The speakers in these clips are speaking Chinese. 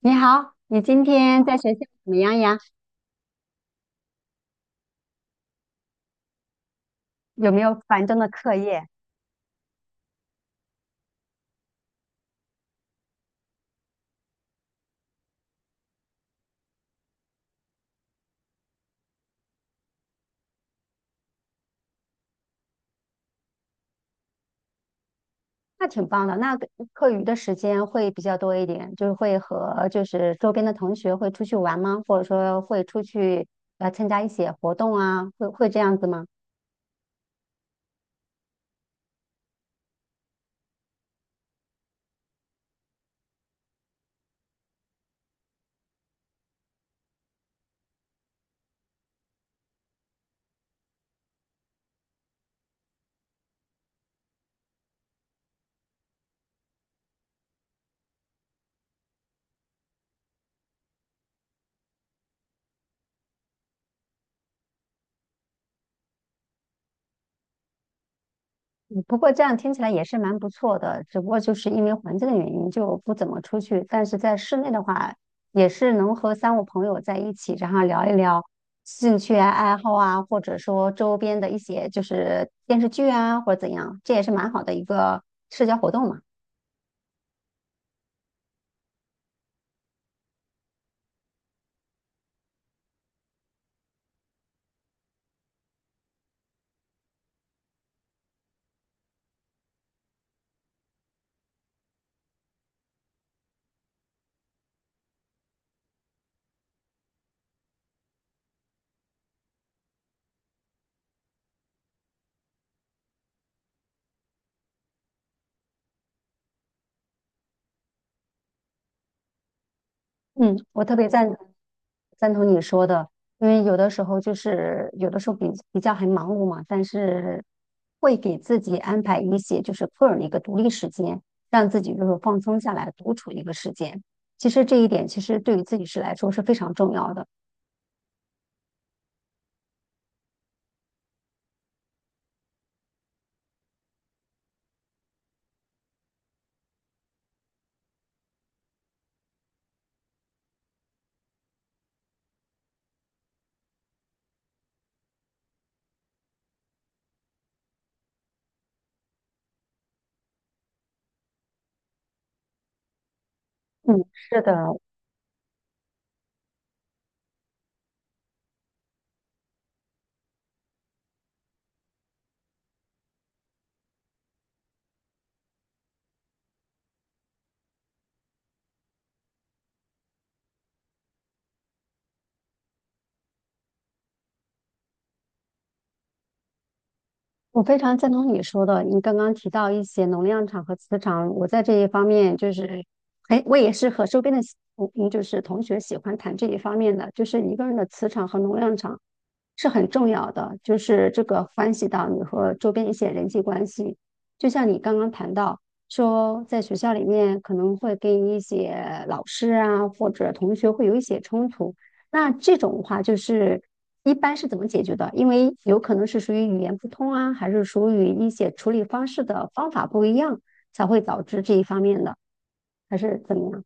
你好，你今天在学校怎么样呀？有没有繁重的课业？那挺棒的，那个课余的时间会比较多一点，就是会和就是周边的同学会出去玩吗？或者说会出去参加一些活动啊？会这样子吗？不过这样听起来也是蛮不错的，只不过就是因为环境的原因就不怎么出去。但是在室内的话，也是能和三五朋友在一起，然后聊一聊兴趣啊、爱好啊，或者说周边的一些就是电视剧啊，或者怎样，这也是蛮好的一个社交活动嘛。嗯，我特别赞同你说的，因为有的时候就是有的时候比较很忙碌嘛，但是会给自己安排一些就是个人的一个独立时间，让自己就是放松下来独处的一个时间。其实这一点其实对于自己是来说是非常重要的。嗯，是的，我非常赞同你说的，你刚刚提到一些能量场和磁场，我在这一方面就是很，我也是和周边的就是同学喜欢谈这一方面的，就是一个人的磁场和能量场是很重要的，就是这个关系到你和周边一些人际关系。就像你刚刚谈到说，在学校里面可能会跟一些老师啊或者同学会有一些冲突，那这种的话，就是一般是怎么解决的？因为有可能是属于语言不通啊，还是属于一些处理方式的方法不一样，才会导致这一方面的，还是怎么样？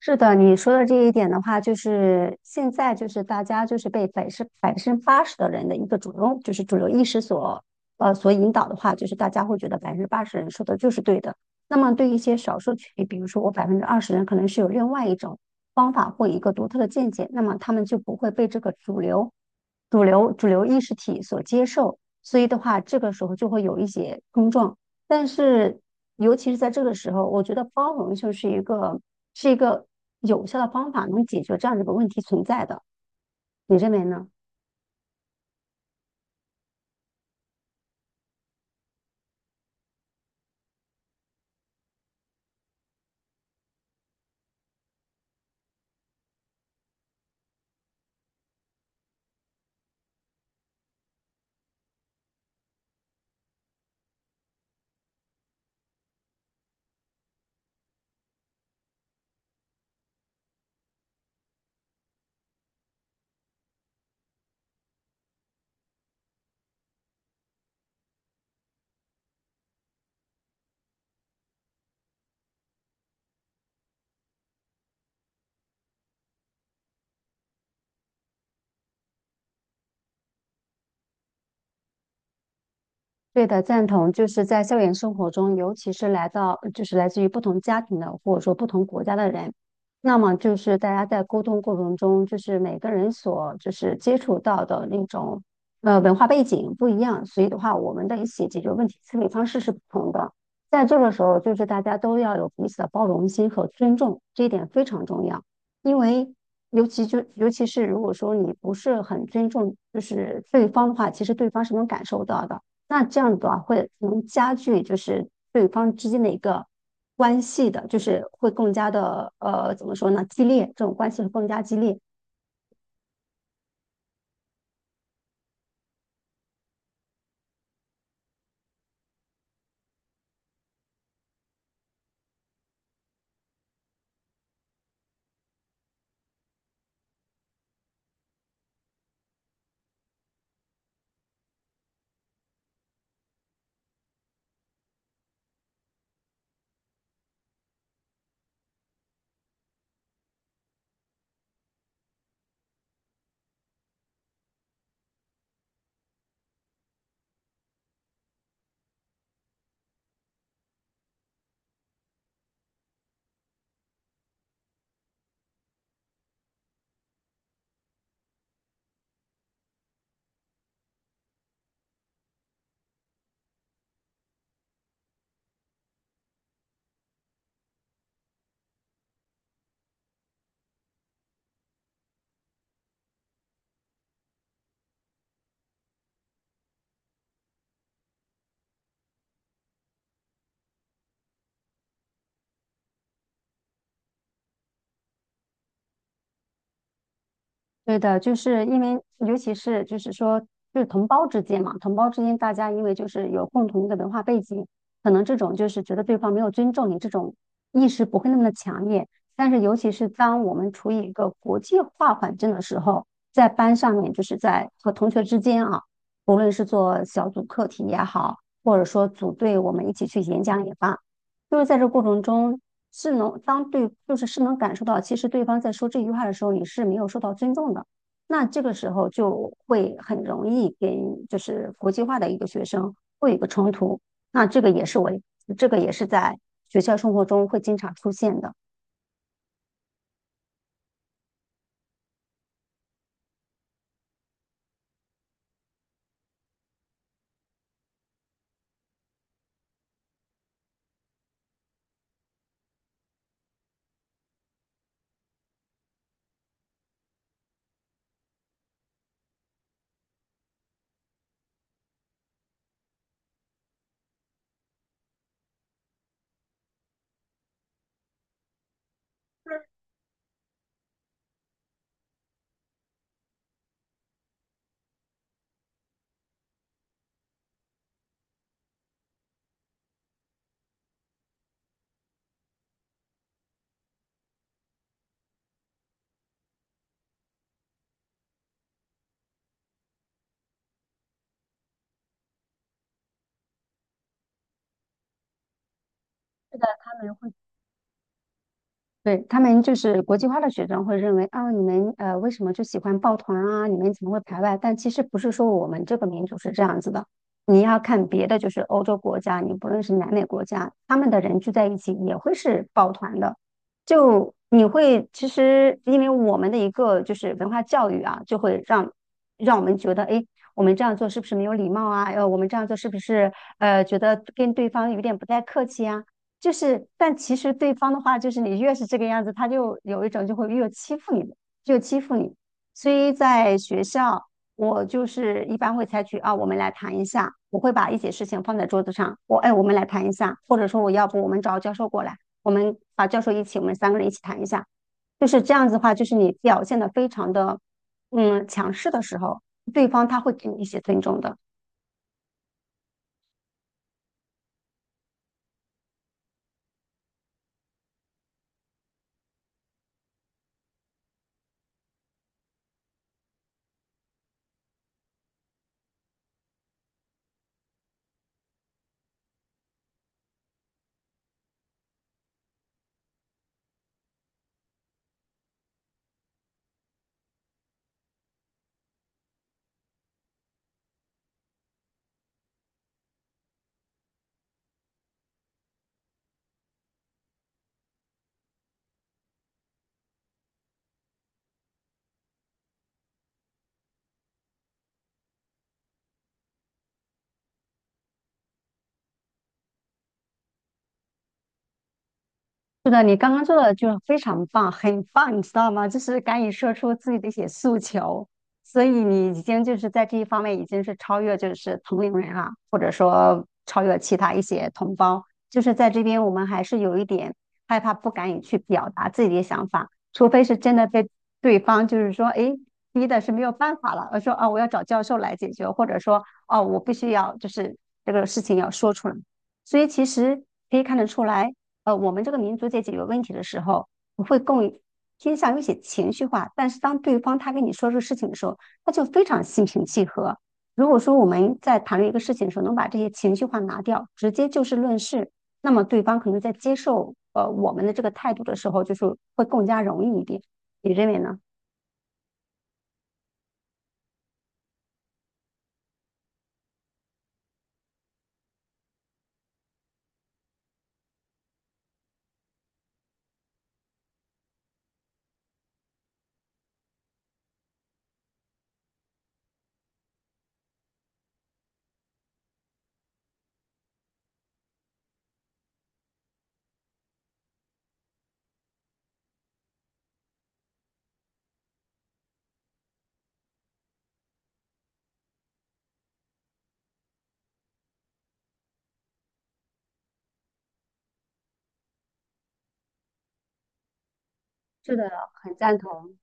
是的，你说的这一点的话，就是现在就是大家就是被百分之八十的人的一个主流，就是主流意识所引导的话，就是大家会觉得百分之八十人说的就是对的。那么对一些少数群体，比如说我20%人可能是有另外一种方法或一个独特的见解，那么他们就不会被这个主流意识体所接受，所以的话，这个时候就会有一些碰撞。但是，尤其是在这个时候，我觉得包容就是一个是一个有效的方法，能解决这样的一个问题存在的。你认为呢？对的，赞同。就是在校园生活中，尤其是来到，就是来自于不同家庭的，或者说不同国家的人，那么就是大家在沟通过程中，就是每个人所就是接触到的那种文化背景不一样，所以的话，我们的一些解决问题思维方式是不同的。在这个时候，就是大家都要有彼此的包容心和尊重，这一点非常重要。因为尤其是如果说你不是很尊重就是对方的话，其实对方是能感受到的。那这样的话会能加剧就是对方之间的一个关系的，就是会更加的怎么说呢，激烈，这种关系会更加激烈。对的，就是因为，尤其是就是说，就是同胞之间嘛，同胞之间大家因为就是有共同的文化背景，可能这种就是觉得对方没有尊重你这种意识不会那么的强烈。但是，尤其是当我们处于一个国际化环境的时候，在班上面，就是在和同学之间啊，无论是做小组课题也好，或者说组队我们一起去演讲也罢，就是在这过程中，是能当对，就是是能感受到，其实对方在说这句话的时候，你是没有受到尊重的。那这个时候就会很容易跟就是国际化的一个学生会有一个冲突。那这个也是我，这个也是在学校生活中会经常出现的。是的，他们会对，他们就是国际化的学生会认为，啊，你们为什么就喜欢抱团啊？你们怎么会排外？但其实不是说我们这个民族是这样子的。你要看别的，就是欧洲国家，你不论是南美国家，他们的人聚在一起也会是抱团的。就你会其实因为我们的一个就是文化教育啊，就会让让我们觉得，哎，我们这样做是不是没有礼貌啊？我们这样做是不是觉得跟对方有点不太客气啊？就是，但其实对方的话，就是你越是这个样子，他就有一种就会越欺负你的，就欺负你。所以在学校，我就是一般会采取啊，我们来谈一下，我会把一些事情放在桌子上，我哎，我们来谈一下，或者说我要不我们找教授过来，我们把教授一起，我们3个人一起谈一下。就是这样子的话，就是你表现的非常的强势的时候，对方他会给你一些尊重的。是的，你刚刚做的就非常棒，很棒，你知道吗？就是敢于说出自己的一些诉求，所以你已经就是在这一方面已经是超越就是同龄人了，或者说超越其他一些同胞。就是在这边，我们还是有一点害怕，不敢于去表达自己的想法，除非是真的被对方就是说，诶，逼的是没有办法了，而说啊，我要找教授来解决，或者说啊我必须要就是这个事情要说出来。所以其实可以看得出来。我们这个民族在解决问题的时候，我会更偏向于一些情绪化。但是当对方他跟你说这个事情的时候，他就非常心平气和。如果说我们在谈论一个事情的时候，能把这些情绪化拿掉，直接就事论事，那么对方可能在接受我们的这个态度的时候，就是会更加容易一点。你认为呢？是的，很赞同。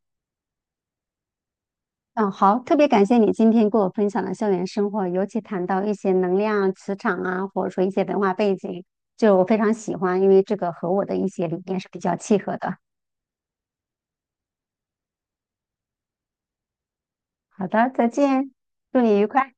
嗯，好，特别感谢你今天跟我分享的校园生活，尤其谈到一些能量、磁场啊，或者说一些文化背景，就我非常喜欢，因为这个和我的一些理念是比较契合的。好的，再见，祝你愉快。